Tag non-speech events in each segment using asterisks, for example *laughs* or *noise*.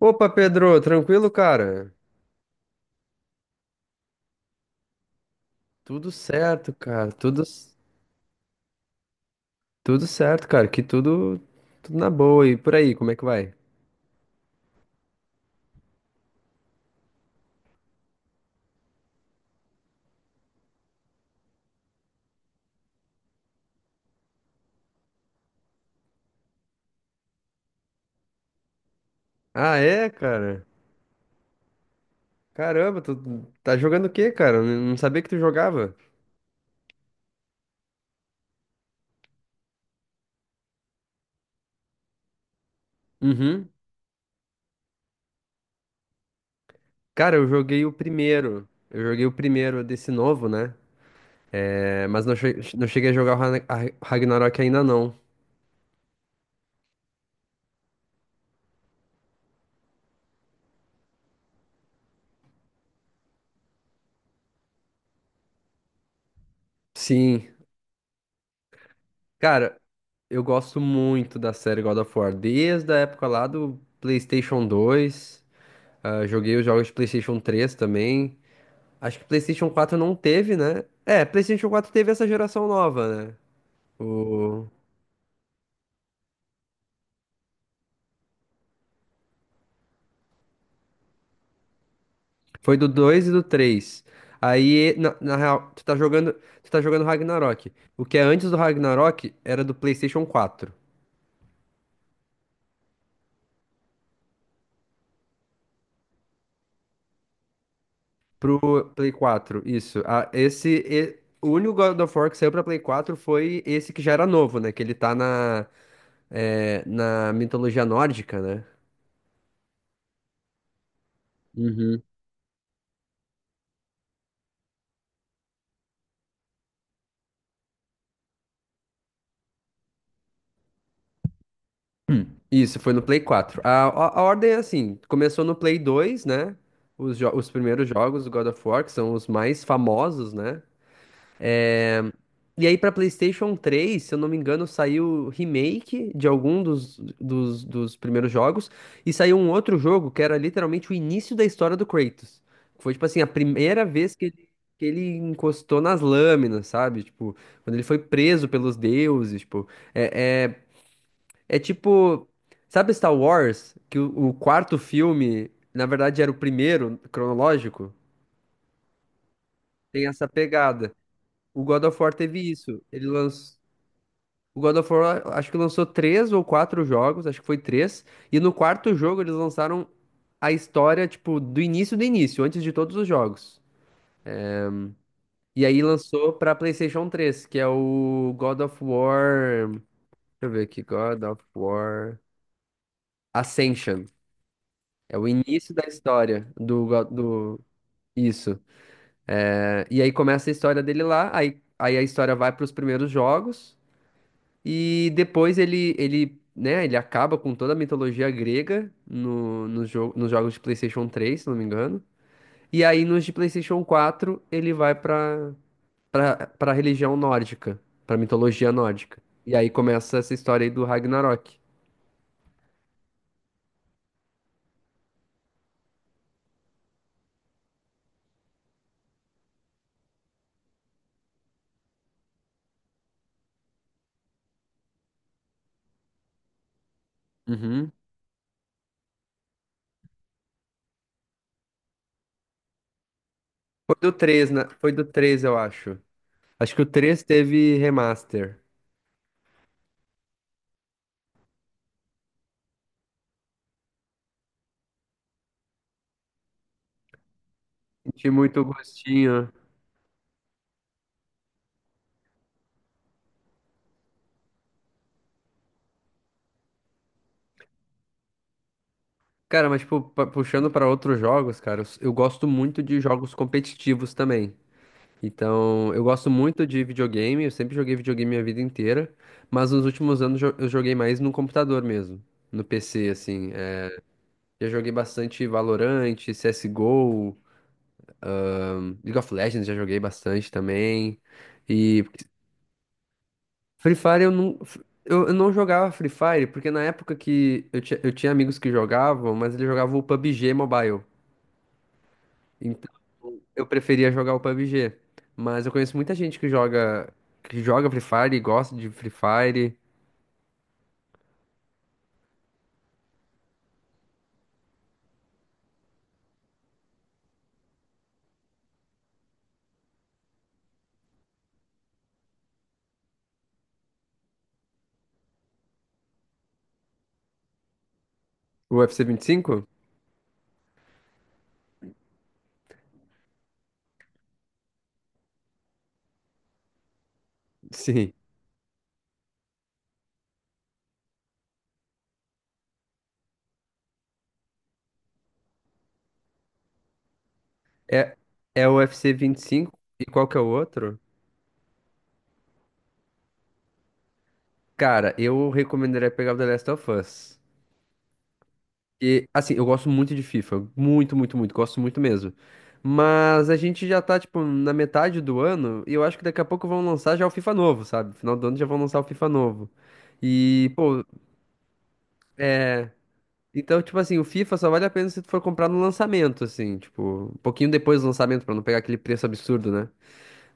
Opa, Pedro, tranquilo, cara? Tudo certo, cara. Tudo certo, cara. Que tudo na boa. E por aí, como é que vai? Ah, é, cara? Caramba, tu tá jogando o quê, cara? Eu não sabia que tu jogava. Uhum. Cara, eu joguei o primeiro. Eu joguei o primeiro desse novo, né? É, mas não, não cheguei a jogar o Ragnarok ainda não. Sim. Cara, eu gosto muito da série God of War desde a época lá do PlayStation 2. Ah, joguei os jogos de PlayStation 3 também. Acho que PlayStation 4 não teve, né? É, PlayStation 4 teve essa geração nova, né? O... Foi do 2 e do três. Aí, na real, tu tá jogando Ragnarok. O que é antes do Ragnarok era do PlayStation 4. Pro Play 4, isso. Ah, o único God of War que saiu pra Play 4 foi esse que já era novo, né? Que ele tá na, na mitologia nórdica, né? Isso, foi no Play 4. A ordem é assim: começou no Play 2, né? Os primeiros jogos do God of War, que são os mais famosos, né? E aí pra PlayStation 3, se eu não me engano, saiu remake de algum dos primeiros jogos, e saiu um outro jogo que era literalmente o início da história do Kratos. Foi, tipo assim, a primeira vez que que ele encostou nas lâminas, sabe? Tipo, quando ele foi preso pelos deuses, tipo. É, é, é tipo, sabe Star Wars? Que o quarto filme, na verdade, era o primeiro cronológico? Tem essa pegada. O God of War teve isso. Ele lançou. O God of War, acho que lançou três ou quatro jogos, acho que foi três. E no quarto jogo eles lançaram a história, tipo, do início, antes de todos os jogos. E aí lançou pra PlayStation 3, que é o God of War. Deixa eu ver aqui, God of War Ascension. É o início da história do. Isso. É, e aí começa a história dele lá, aí a história vai para os primeiros jogos, e depois ele, né, ele acaba com toda a mitologia grega no jogo, nos jogos de PlayStation 3, se não me engano. E aí nos de PlayStation 4 ele vai para religião nórdica, para mitologia nórdica. E aí começa essa história aí do Ragnarok. Uhum. Foi do três, né? Foi do três, eu acho. Acho que o 3 teve remaster. Senti muito gostinho. Cara, mas tipo, puxando pra outros jogos, cara, eu gosto muito de jogos competitivos também. Então, eu gosto muito de videogame, eu sempre joguei videogame minha vida inteira, mas nos últimos anos eu joguei mais no computador mesmo, no PC, assim. Já joguei bastante Valorant, CSGO, League of Legends já joguei bastante também. E Free Fire eu não, eu não jogava Free Fire, porque na época que eu tinha amigos que jogavam, mas eles jogavam o PUBG Mobile. Então, eu preferia jogar o PUBG. Mas eu conheço muita gente que joga Free Fire e gosta de Free Fire. O UFC 25? Sim. É, é o UFC 25 e cinco e qual que é o outro? Cara, eu recomendaria pegar o The Last of Us. E, assim, eu gosto muito de FIFA. Muito, muito, muito. Gosto muito mesmo. Mas a gente já tá, tipo, na metade do ano e eu acho que daqui a pouco vão lançar já o FIFA novo, sabe? Final do ano já vão lançar o FIFA novo. E, pô, é. Então, tipo assim, o FIFA só vale a pena se tu for comprar no lançamento, assim, tipo, um pouquinho depois do lançamento, pra não pegar aquele preço absurdo, né?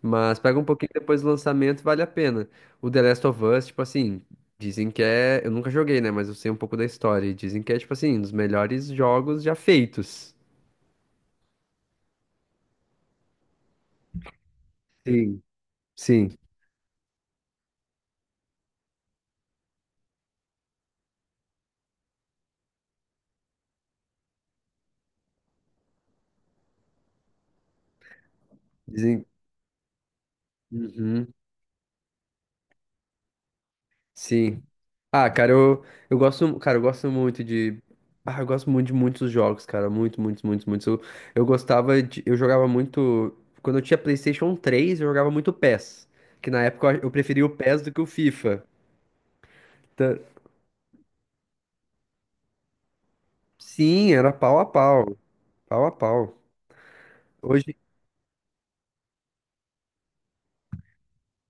Mas pega um pouquinho depois do lançamento, vale a pena. O The Last of Us, tipo assim, dizem que é. Eu nunca joguei, né? Mas eu sei um pouco da história. E dizem que é, tipo assim, um dos melhores jogos já feitos. Sim. Sim. Dizem. Uhum. Sim. Ah, cara, eu gosto, cara, eu gosto muito de. Ah, eu gosto muito de muitos jogos, cara. Muito, muitos, muitos, muitos. Eu gostava de. Eu jogava muito. Quando eu tinha PlayStation 3 eu jogava muito PES. Que na época eu preferia o PES do que o FIFA. Tá- Sim, era pau a pau. Pau a pau. Hoje,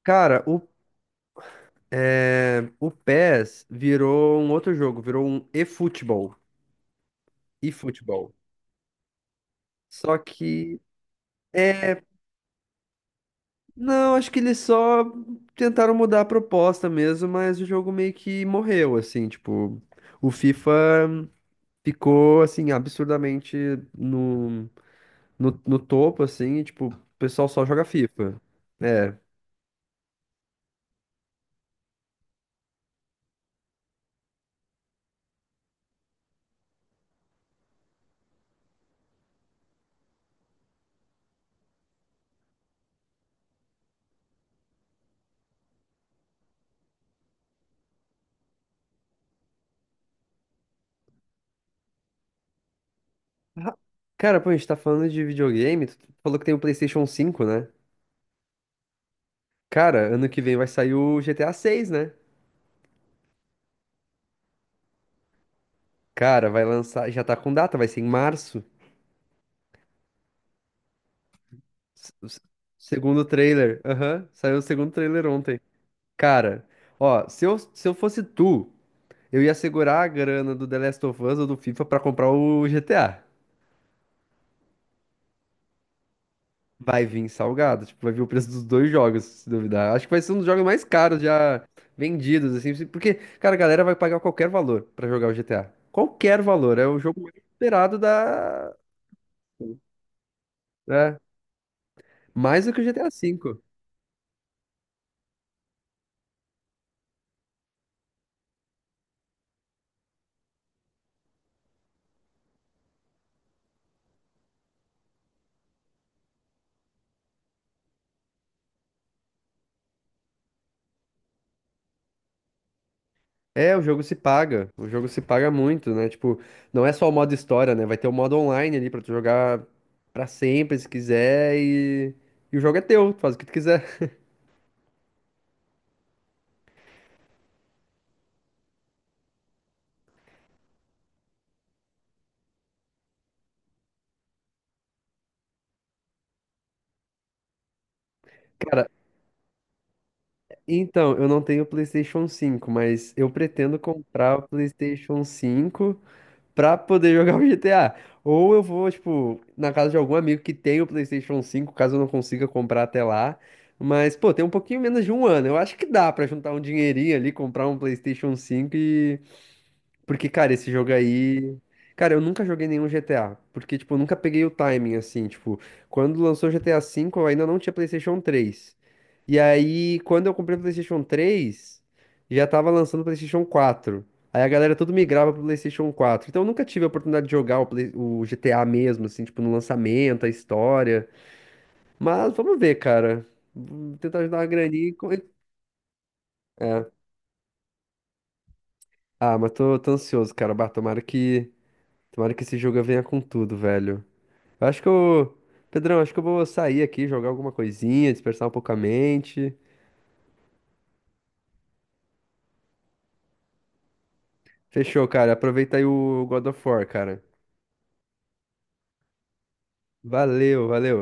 cara, o PES virou um outro jogo, virou um eFootball. eFootball. Só que. é, Não, acho que eles só tentaram mudar a proposta mesmo, mas o jogo meio que morreu, assim, tipo, o FIFA ficou, assim, absurdamente no, no topo, assim, e, tipo, o pessoal só joga FIFA. É. Ah, cara, pô, a gente tá falando de videogame, tu falou que tem o PlayStation 5, né? Cara, ano que vem vai sair o GTA 6, né? Cara, vai lançar, já tá com data, vai ser em março. S- s- Segundo trailer, aham, saiu o segundo trailer ontem. Cara, ó, se eu fosse tu, eu ia segurar a grana do The Last of Us ou do FIFA pra comprar o GTA. Vai vir salgado, tipo, vai vir o preço dos dois jogos, se duvidar. Acho que vai ser um dos jogos mais caros já vendidos, assim, porque, cara, a galera vai pagar qualquer valor pra jogar o GTA. Qualquer valor, é o jogo mais esperado da. É, mais do que o GTA V. É, o jogo se paga. O jogo se paga muito, né? Tipo, não é só o modo história, né? Vai ter o modo online ali pra tu jogar pra sempre, se quiser, e o jogo é teu, tu faz o que tu quiser. *laughs* Cara, então, eu não tenho o PlayStation 5, mas eu pretendo comprar o PlayStation 5 pra poder *laughs* jogar o GTA. Ou eu vou, tipo, na casa de algum amigo que tem o PlayStation 5, caso eu não consiga comprar até lá. Mas, pô, tem um pouquinho menos de um ano. Eu acho que dá pra juntar um dinheirinho ali, comprar um PlayStation 5 e. Porque, cara, esse jogo aí. Cara, eu nunca joguei nenhum GTA. Porque, tipo, eu nunca peguei o timing, assim. Tipo, quando lançou GTA V, eu ainda não tinha PlayStation 3. E aí, quando eu comprei o PlayStation 3, já tava lançando o PlayStation 4. Aí a galera tudo migrava pro PlayStation 4. Então eu nunca tive a oportunidade de jogar o GTA mesmo, assim, tipo, no lançamento, a história. Mas vamos ver, cara. Vou tentar ajudar a graninha. Ah, mas tô, ansioso, cara. Bah, tomara que. Tomara que esse jogo venha com tudo, velho. Eu Acho que eu. Pedrão, acho que eu vou sair aqui, jogar alguma coisinha, dispersar um pouco a mente. Fechou, cara. Aproveita aí o God of War, cara. Valeu, valeu.